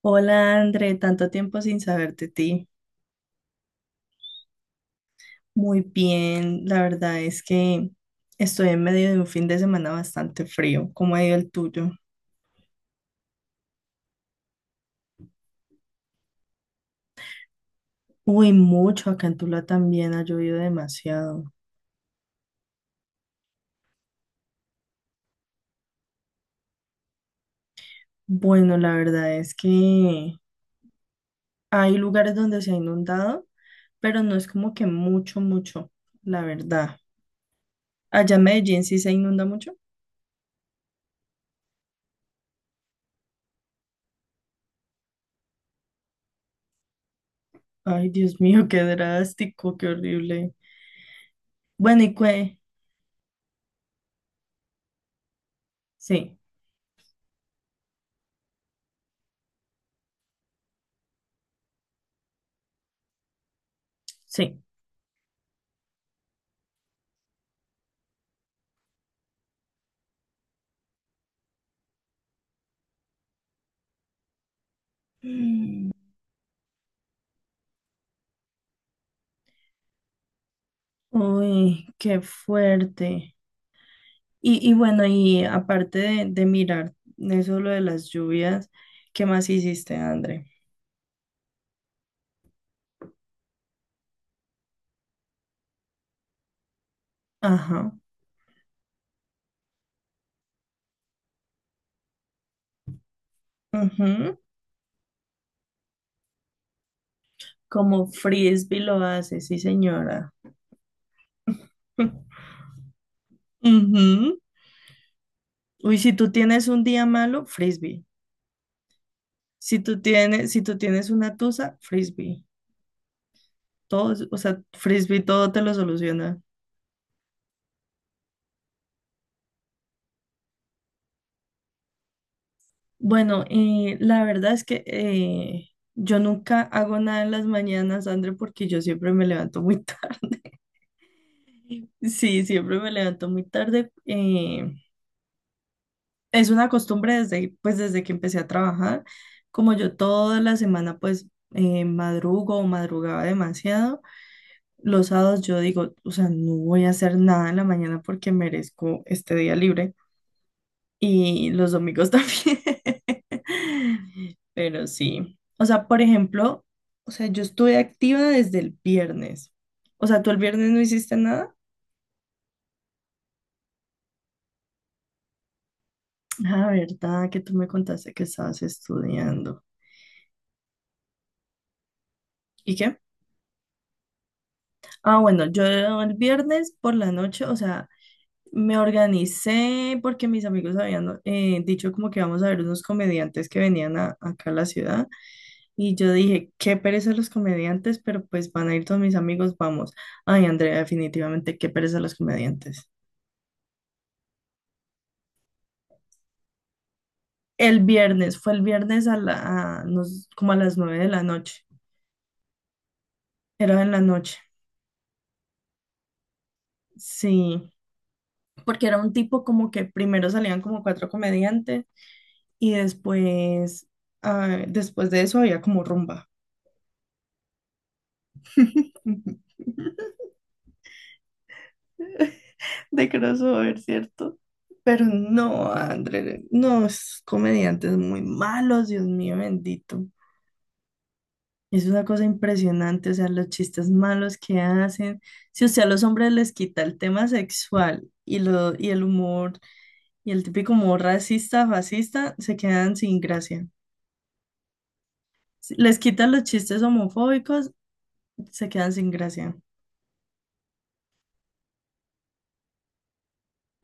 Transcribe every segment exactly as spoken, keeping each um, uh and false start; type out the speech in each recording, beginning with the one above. Hola André, tanto tiempo sin saber de ti. Muy bien, la verdad es que estoy en medio de un fin de semana bastante frío. ¿Cómo ha ido el tuyo? Uy, mucho, acá en Tula también ha llovido demasiado. Bueno, la verdad es que hay lugares donde se ha inundado, pero no es como que mucho, mucho, la verdad. Allá en Medellín sí se inunda mucho. Ay, Dios mío, qué drástico, qué horrible. Bueno, y qué, sí, sí. Uy, qué fuerte. Y, y bueno, y aparte de, de mirar eso lo de las lluvias, ¿qué más hiciste, André? Ajá. Ujú. Como frisbee lo hace, sí, señora. Ujú. Uy, si tú tienes un día malo, frisbee. Si tú tienes, si tú tienes una tusa, frisbee. Todo, o sea, frisbee todo te lo soluciona. Bueno, eh, la verdad es que eh, yo nunca hago nada en las mañanas, André, porque yo siempre me levanto muy tarde. Sí, siempre me levanto muy tarde. Eh, es una costumbre desde, pues, desde que empecé a trabajar. Como yo toda la semana, pues, eh, madrugo o madrugaba demasiado, los sábados yo digo, o sea, no voy a hacer nada en la mañana porque merezco este día libre. Y los domingos también. Pero sí. O sea, por ejemplo, o sea, yo estuve activa desde el viernes. O sea, ¿tú el viernes no hiciste nada? Ah, verdad, que tú me contaste que estabas estudiando. ¿Y qué? Ah, bueno, yo el viernes por la noche, o sea, me organicé porque mis amigos habían eh, dicho como que vamos a ver unos comediantes que venían a- acá a la ciudad. Y yo dije, qué pereza los comediantes, pero pues van a ir todos mis amigos, vamos. Ay, Andrea, definitivamente, qué pereza los comediantes. El viernes, fue el viernes a la, a nos- como a las nueve de la noche. Era en la noche, sí. Porque era un tipo como que primero salían como cuatro comediantes y después, ah, después de eso había como rumba. De crossover, ¿cierto? Pero no, André, no, es comediantes muy malos, Dios mío bendito. Es una cosa impresionante, o sea, los chistes malos que hacen. Si usted a los hombres les quita el tema sexual y, lo, y el humor, y el típico humor racista, fascista, se quedan sin gracia. Si les quitan los chistes homofóbicos, se quedan sin gracia.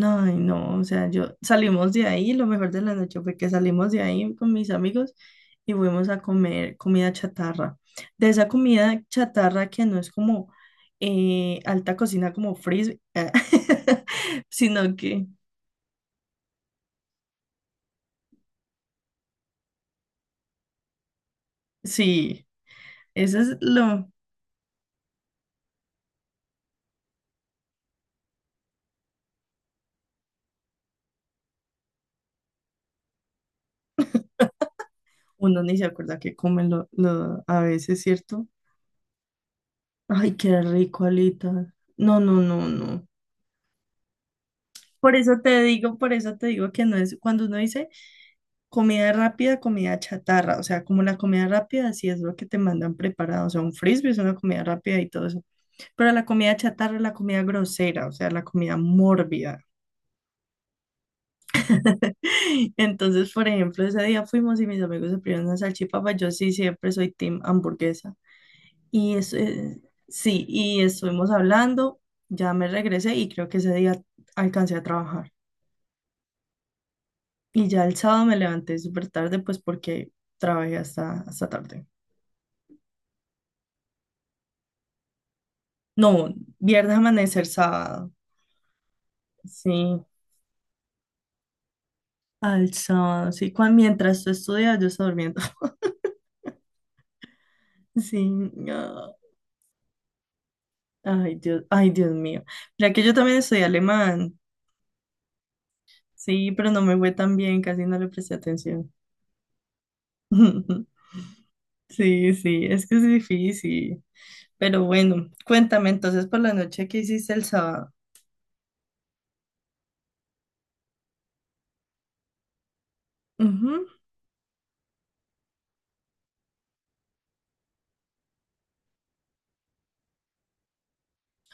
Ay, no, o sea, yo salimos de ahí, lo mejor de la noche fue que salimos de ahí con mis amigos y fuimos a comer comida chatarra. De esa comida chatarra que no es como eh, alta cocina como frisbee, sino que sí, eso es lo, uno ni se acuerda que comen lo, lo- a veces, ¿cierto? Ay, qué rico, Alita. No, no, no, no. Por eso te digo, por eso te digo que no es cuando uno dice. Comida rápida, comida chatarra, o sea, como la comida rápida sí es lo que te mandan preparado, o sea, un frisbee es una comida rápida y todo eso, pero la comida chatarra es la comida grosera, o sea, la comida mórbida. Entonces, por ejemplo, ese día fuimos y mis amigos se pidieron una salchipapa, yo sí siempre soy team hamburguesa. Y eso, eh, sí, y estuvimos hablando, ya me regresé y creo que ese día alcancé a trabajar. Y ya el sábado me levanté súper tarde, pues porque trabajé hasta, hasta tarde. No, viernes, amanecer, sábado. Sí, al sábado, sí. Cuando, mientras tú estudias, yo estaba durmiendo. Sí, no. Ay, Dios, ay, Dios mío. Mira que yo también estudié alemán. Sí, pero no me fue tan bien, casi no le presté atención. Sí, sí, es que es difícil. Pero bueno, cuéntame entonces por la noche que hiciste el sábado. Ujú.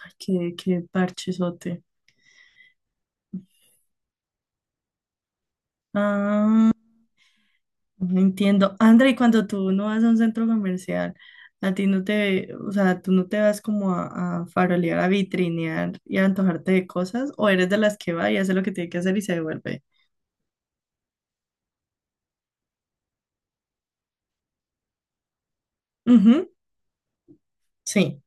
Ay, Qué, qué parchesote. Ah. No entiendo. André, y cuando tú no vas a un centro comercial, a ti no te, o sea, tú no te vas como a, a farolear, a vitrinear y a antojarte de cosas, o eres de las que va y hace lo que tiene que hacer y se devuelve. Ujú, sí.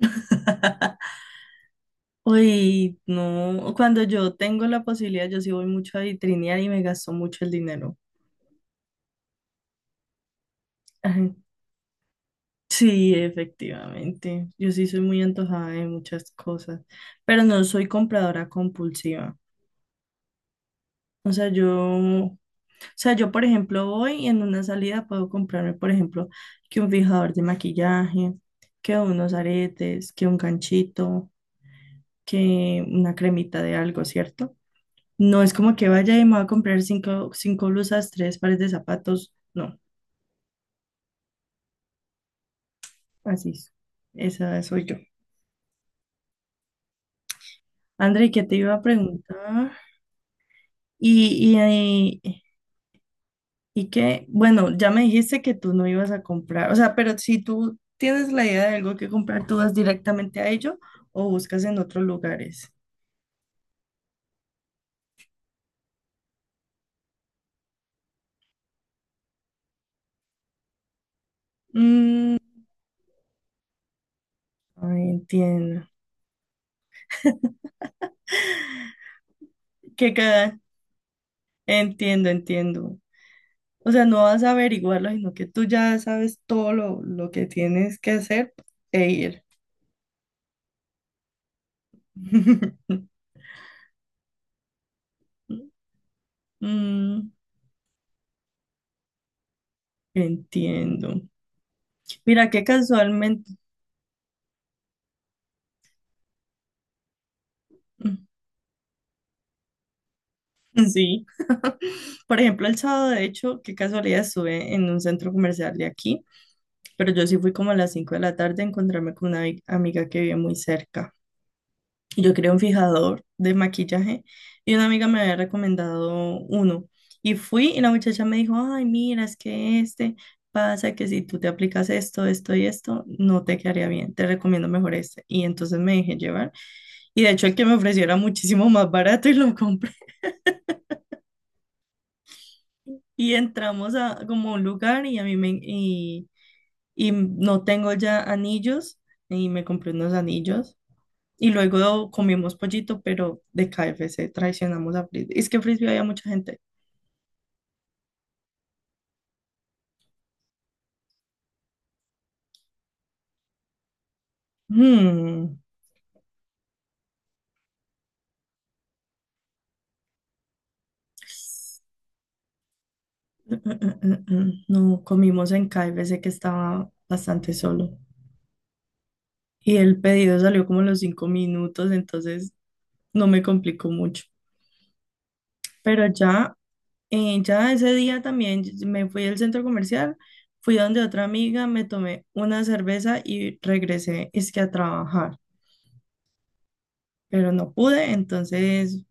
Uy, no, cuando yo tengo la posibilidad, yo sí voy mucho a vitrinear y me gasto mucho el dinero. Ajá. Sí, efectivamente. Yo sí soy muy antojada de muchas cosas, pero no soy compradora compulsiva. O sea, yo sea, yo, por ejemplo, voy y en una salida puedo comprarme, por ejemplo, que un fijador de maquillaje, que unos aretes, que un ganchito, que una cremita de algo, ¿cierto? No es como que vaya y me voy a comprar cinco, cinco blusas, tres pares de zapatos. No, así es. Esa soy yo. André, ¿qué te iba a preguntar? Y, y, eh, Y que, bueno, ya me dijiste que tú no ibas a comprar, o sea, pero si tú tienes la idea de algo que comprar, ¿tú vas directamente a ello o buscas en otros lugares? Mm, Ay, entiendo. Que cada, Entiendo, entiendo. O sea, no vas a averiguarlo, sino que tú ya sabes todo lo, lo que tienes que hacer e ir. Mm, Entiendo. Mira, que casualmente, sí. Por ejemplo, el sábado, de hecho, qué casualidad estuve en un centro comercial de aquí, pero yo sí fui como a las cinco de la tarde a encontrarme con una vi- amiga que vive muy cerca. Y yo quería un fijador de maquillaje y una amiga me había recomendado uno. Y fui y la muchacha me dijo, ay, mira, es que este pasa que si tú te aplicas esto, esto y esto, no te quedaría bien, te recomiendo mejor este. Y entonces me dejé llevar. Y de hecho el que me ofreció era muchísimo más barato y lo compré. Y entramos a como un lugar y a mí me... y no tengo ya anillos y me compré unos anillos y luego comimos pollito, pero de K F C traicionamos a Frisbee. Es que en Frisbee había mucha gente. Hmm, eh, eh, eh, No, comimos en K F C que estaba bastante solo y el pedido salió como a los cinco minutos, entonces no me complicó mucho. Pero ya, eh, ya ese día también yo- me fui al centro comercial. Fui donde otra amiga, me tomé una cerveza y regresé, es que a trabajar. Pero no pude, entonces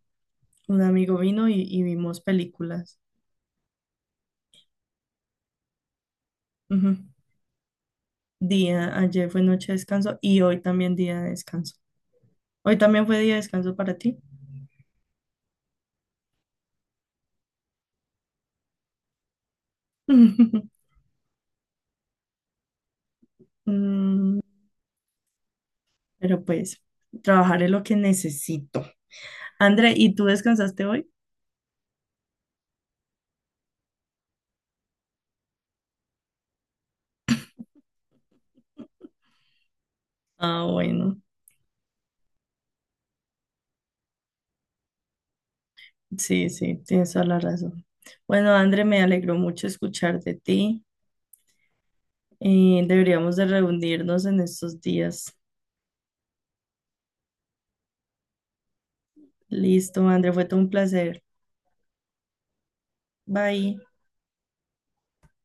un amigo vino y, y vimos películas. Ujú. Día, ayer fue noche de descanso y hoy también día de descanso. Hoy también fue día de descanso para ti. Mm, pero pues, trabajaré lo que necesito. André, ¿y tú descansaste hoy? Ah, bueno, sí, sí, tienes toda la razón. Bueno, André, me alegró mucho escuchar de ti. Eh, deberíamos de reunirnos en estos días. Listo, André, fue todo un placer. Bye.